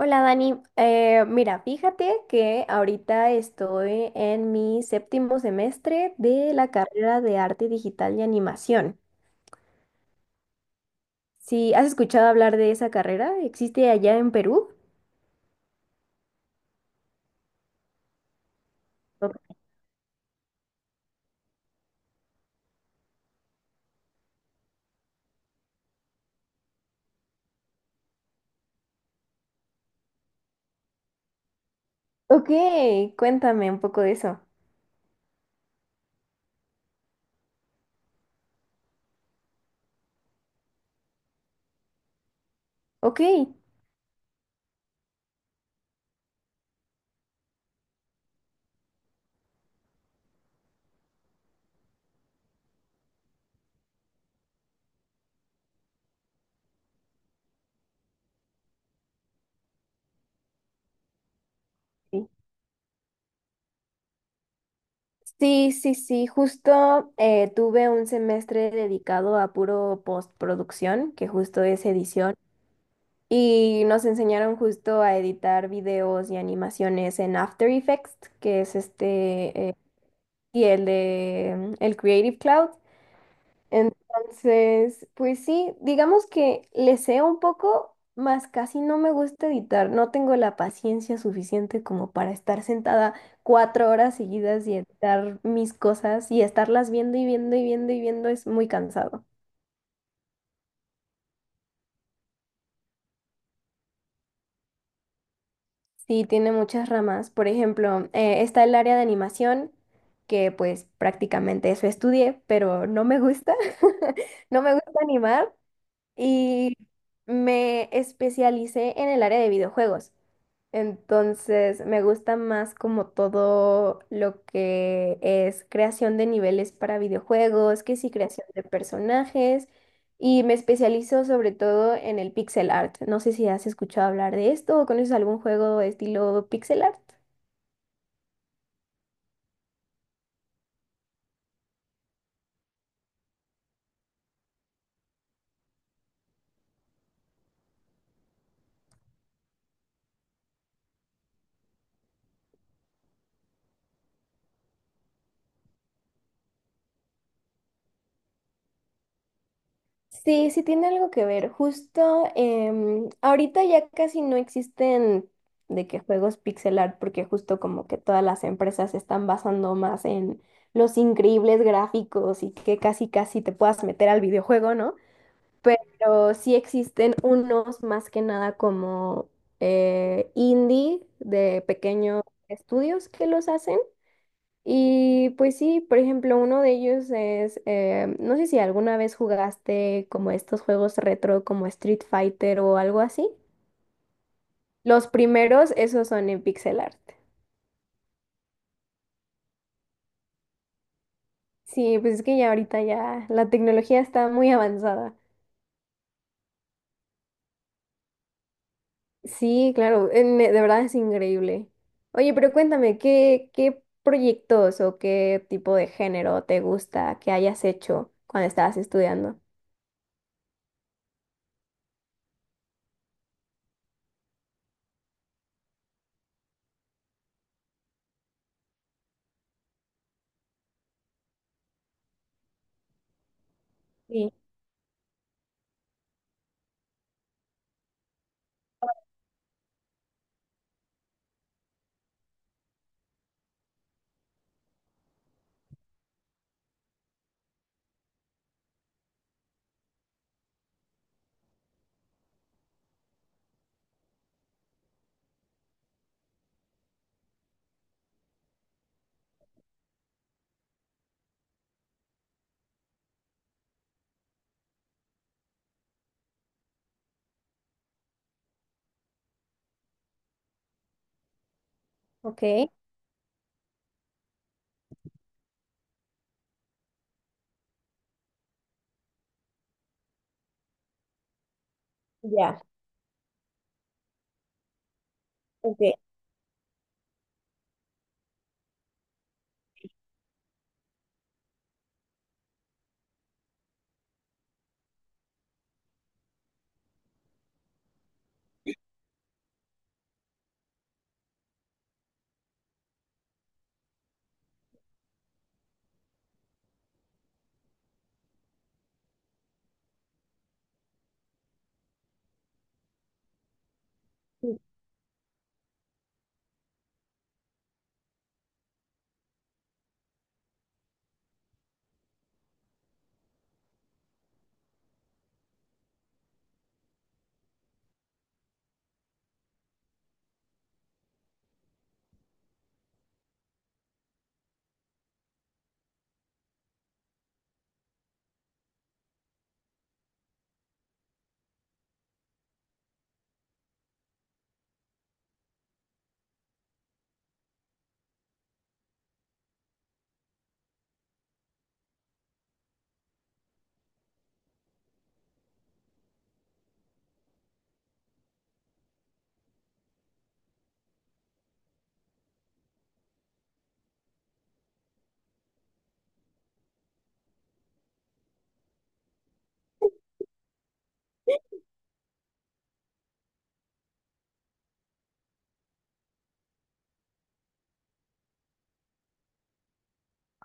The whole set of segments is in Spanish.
Hola Dani, mira, fíjate que ahorita estoy en mi séptimo semestre de la carrera de arte digital y animación. Si has escuchado hablar de esa carrera, ¿existe allá en Perú? Ok, ok, cuéntame un poco de eso. Ok. Sí, sí, sí, sí, justo tuve un semestre dedicado a puro postproducción, que justo es edición. Y nos enseñaron justo a editar videos y animaciones en After Effects, que es este, y el de el Creative Cloud. Entonces, pues sí, digamos que le sé un poco, más casi no me gusta editar. No tengo la paciencia suficiente como para estar sentada 4 horas seguidas y editar mis cosas y estarlas viendo y viendo y viendo y viendo es muy cansado. Sí, tiene muchas ramas. Por ejemplo, está el área de animación, que pues prácticamente eso estudié, pero no me gusta. No me gusta animar y me especialicé en el área de videojuegos. Entonces, me gusta más como todo lo que es creación de niveles para videojuegos, que sí, creación de personajes, y me especializo sobre todo en el pixel art. No sé si has escuchado hablar de esto o conoces algún juego estilo pixel art. Sí, sí tiene algo que ver. Justo ahorita ya casi no existen de que juegos pixel art, porque justo como que todas las empresas se están basando más en los increíbles gráficos y que casi casi te puedas meter al videojuego, ¿no? Pero sí existen unos más que nada como indie de pequeños estudios que los hacen. Y pues sí, por ejemplo, uno de ellos es, no sé si alguna vez jugaste como estos juegos retro como Street Fighter o algo así. Los primeros, esos son en pixel art. Sí, pues es que ya ahorita ya la tecnología está muy avanzada. Sí, claro, en- de verdad es increíble. Oye, pero cuéntame, ¿qué proyectos o qué tipo de género te gusta que hayas hecho cuando estabas estudiando? Sí, ok, ya, ok.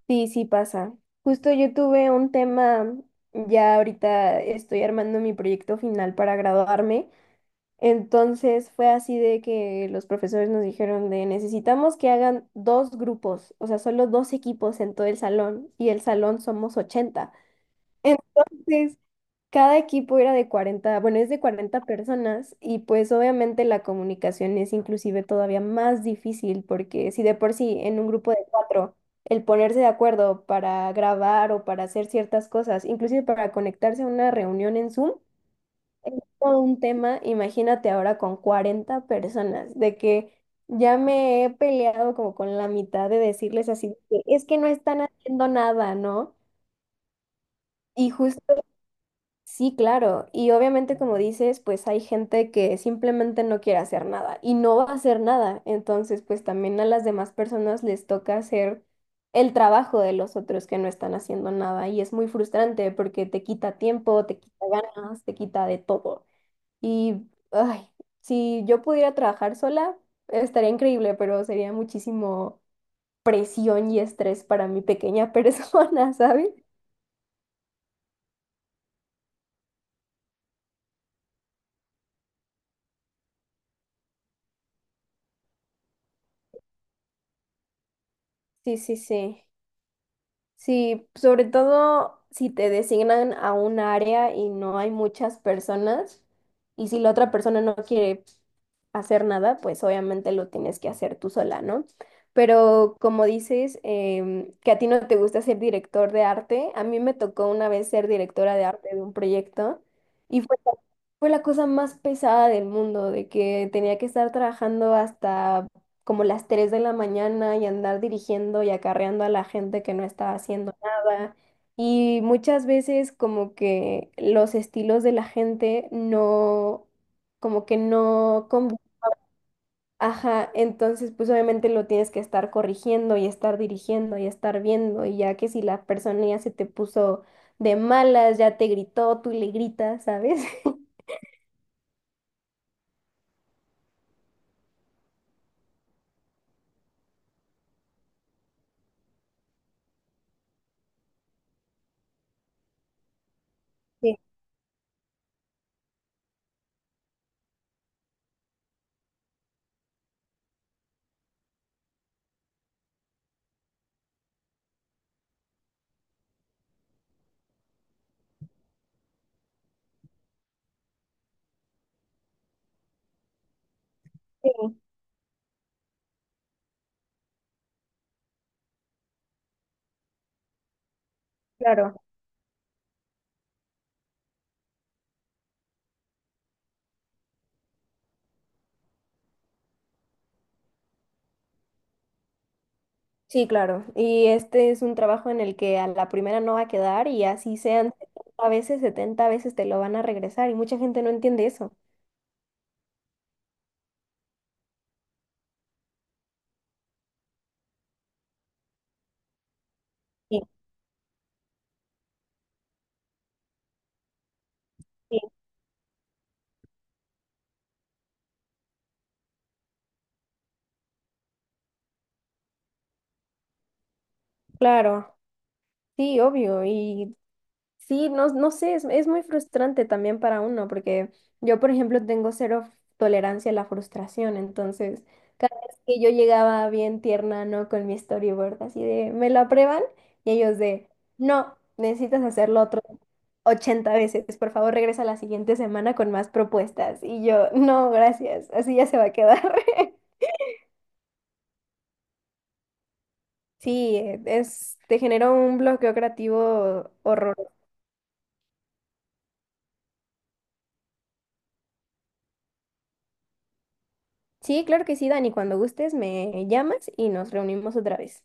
Sí, sí pasa. Justo yo tuve un tema, ya ahorita estoy armando mi proyecto final para graduarme, entonces fue así de que los profesores nos dijeron de necesitamos que hagan dos grupos, o sea, solo dos equipos en todo el salón y el salón somos 80. Entonces, cada equipo era de 40, bueno, es de 40 personas y pues obviamente la comunicación es inclusive todavía más difícil porque si de por sí en un grupo de cuatro el ponerse de acuerdo para grabar o para hacer ciertas cosas, inclusive para conectarse a una reunión en Zoom, es todo un tema, imagínate ahora con 40 personas, de que ya me he peleado como con la mitad de decirles así, de que, es que no están haciendo nada, ¿no? Y justo sí, claro. Y obviamente, como dices, pues hay gente que simplemente no quiere hacer nada y no va a hacer nada. Entonces, pues también a las demás personas les toca hacer el trabajo de los otros que no están haciendo nada. Y es muy frustrante porque te quita tiempo, te quita ganas, te quita de todo. Y, ay, si yo pudiera trabajar sola, estaría increíble, pero sería muchísimo presión y estrés para mi pequeña persona, ¿sabes? Sí, sí, sí. Sí, sobre todo si te designan a un área y no hay muchas personas y si la otra persona no quiere hacer nada, pues obviamente lo tienes que hacer tú sola, ¿no? Pero como dices, que a ti no te gusta ser director de arte, a mí me tocó una vez ser directora de arte de un proyecto y fue, fue la cosa más pesada del mundo, de que tenía que estar trabajando hasta como las 3 de la mañana y andar dirigiendo y acarreando a la gente que no estaba haciendo nada. Y muchas veces como que los estilos de la gente no, como que no. Ajá, entonces pues obviamente lo tienes que estar corrigiendo y estar dirigiendo y estar viendo y ya que si la persona ya se te puso de malas, ya te gritó, tú le gritas, ¿sabes? Sí, sí, claro. Sí, claro. Y este es un trabajo en el que a la primera no va a quedar y así sean 70 veces, 70 veces te lo van a regresar y mucha gente no entiende eso. Sí, sí. Claro, sí, obvio. Y sí, no, no sé, es muy frustrante también para uno, porque yo, por ejemplo, tengo cero tolerancia a la frustración, entonces cada vez que yo llegaba bien tierna, ¿no? Con mi storyboard, así de, ¿me lo aprueban? Y ellos de, no, necesitas hacerlo otro 80 veces, por favor, regresa la siguiente semana con más propuestas. Y yo, no, gracias, así ya se va a quedar. Sí, te generó un bloqueo creativo horroroso. Sí, claro que sí, Dani. Cuando gustes me llamas y nos reunimos otra vez.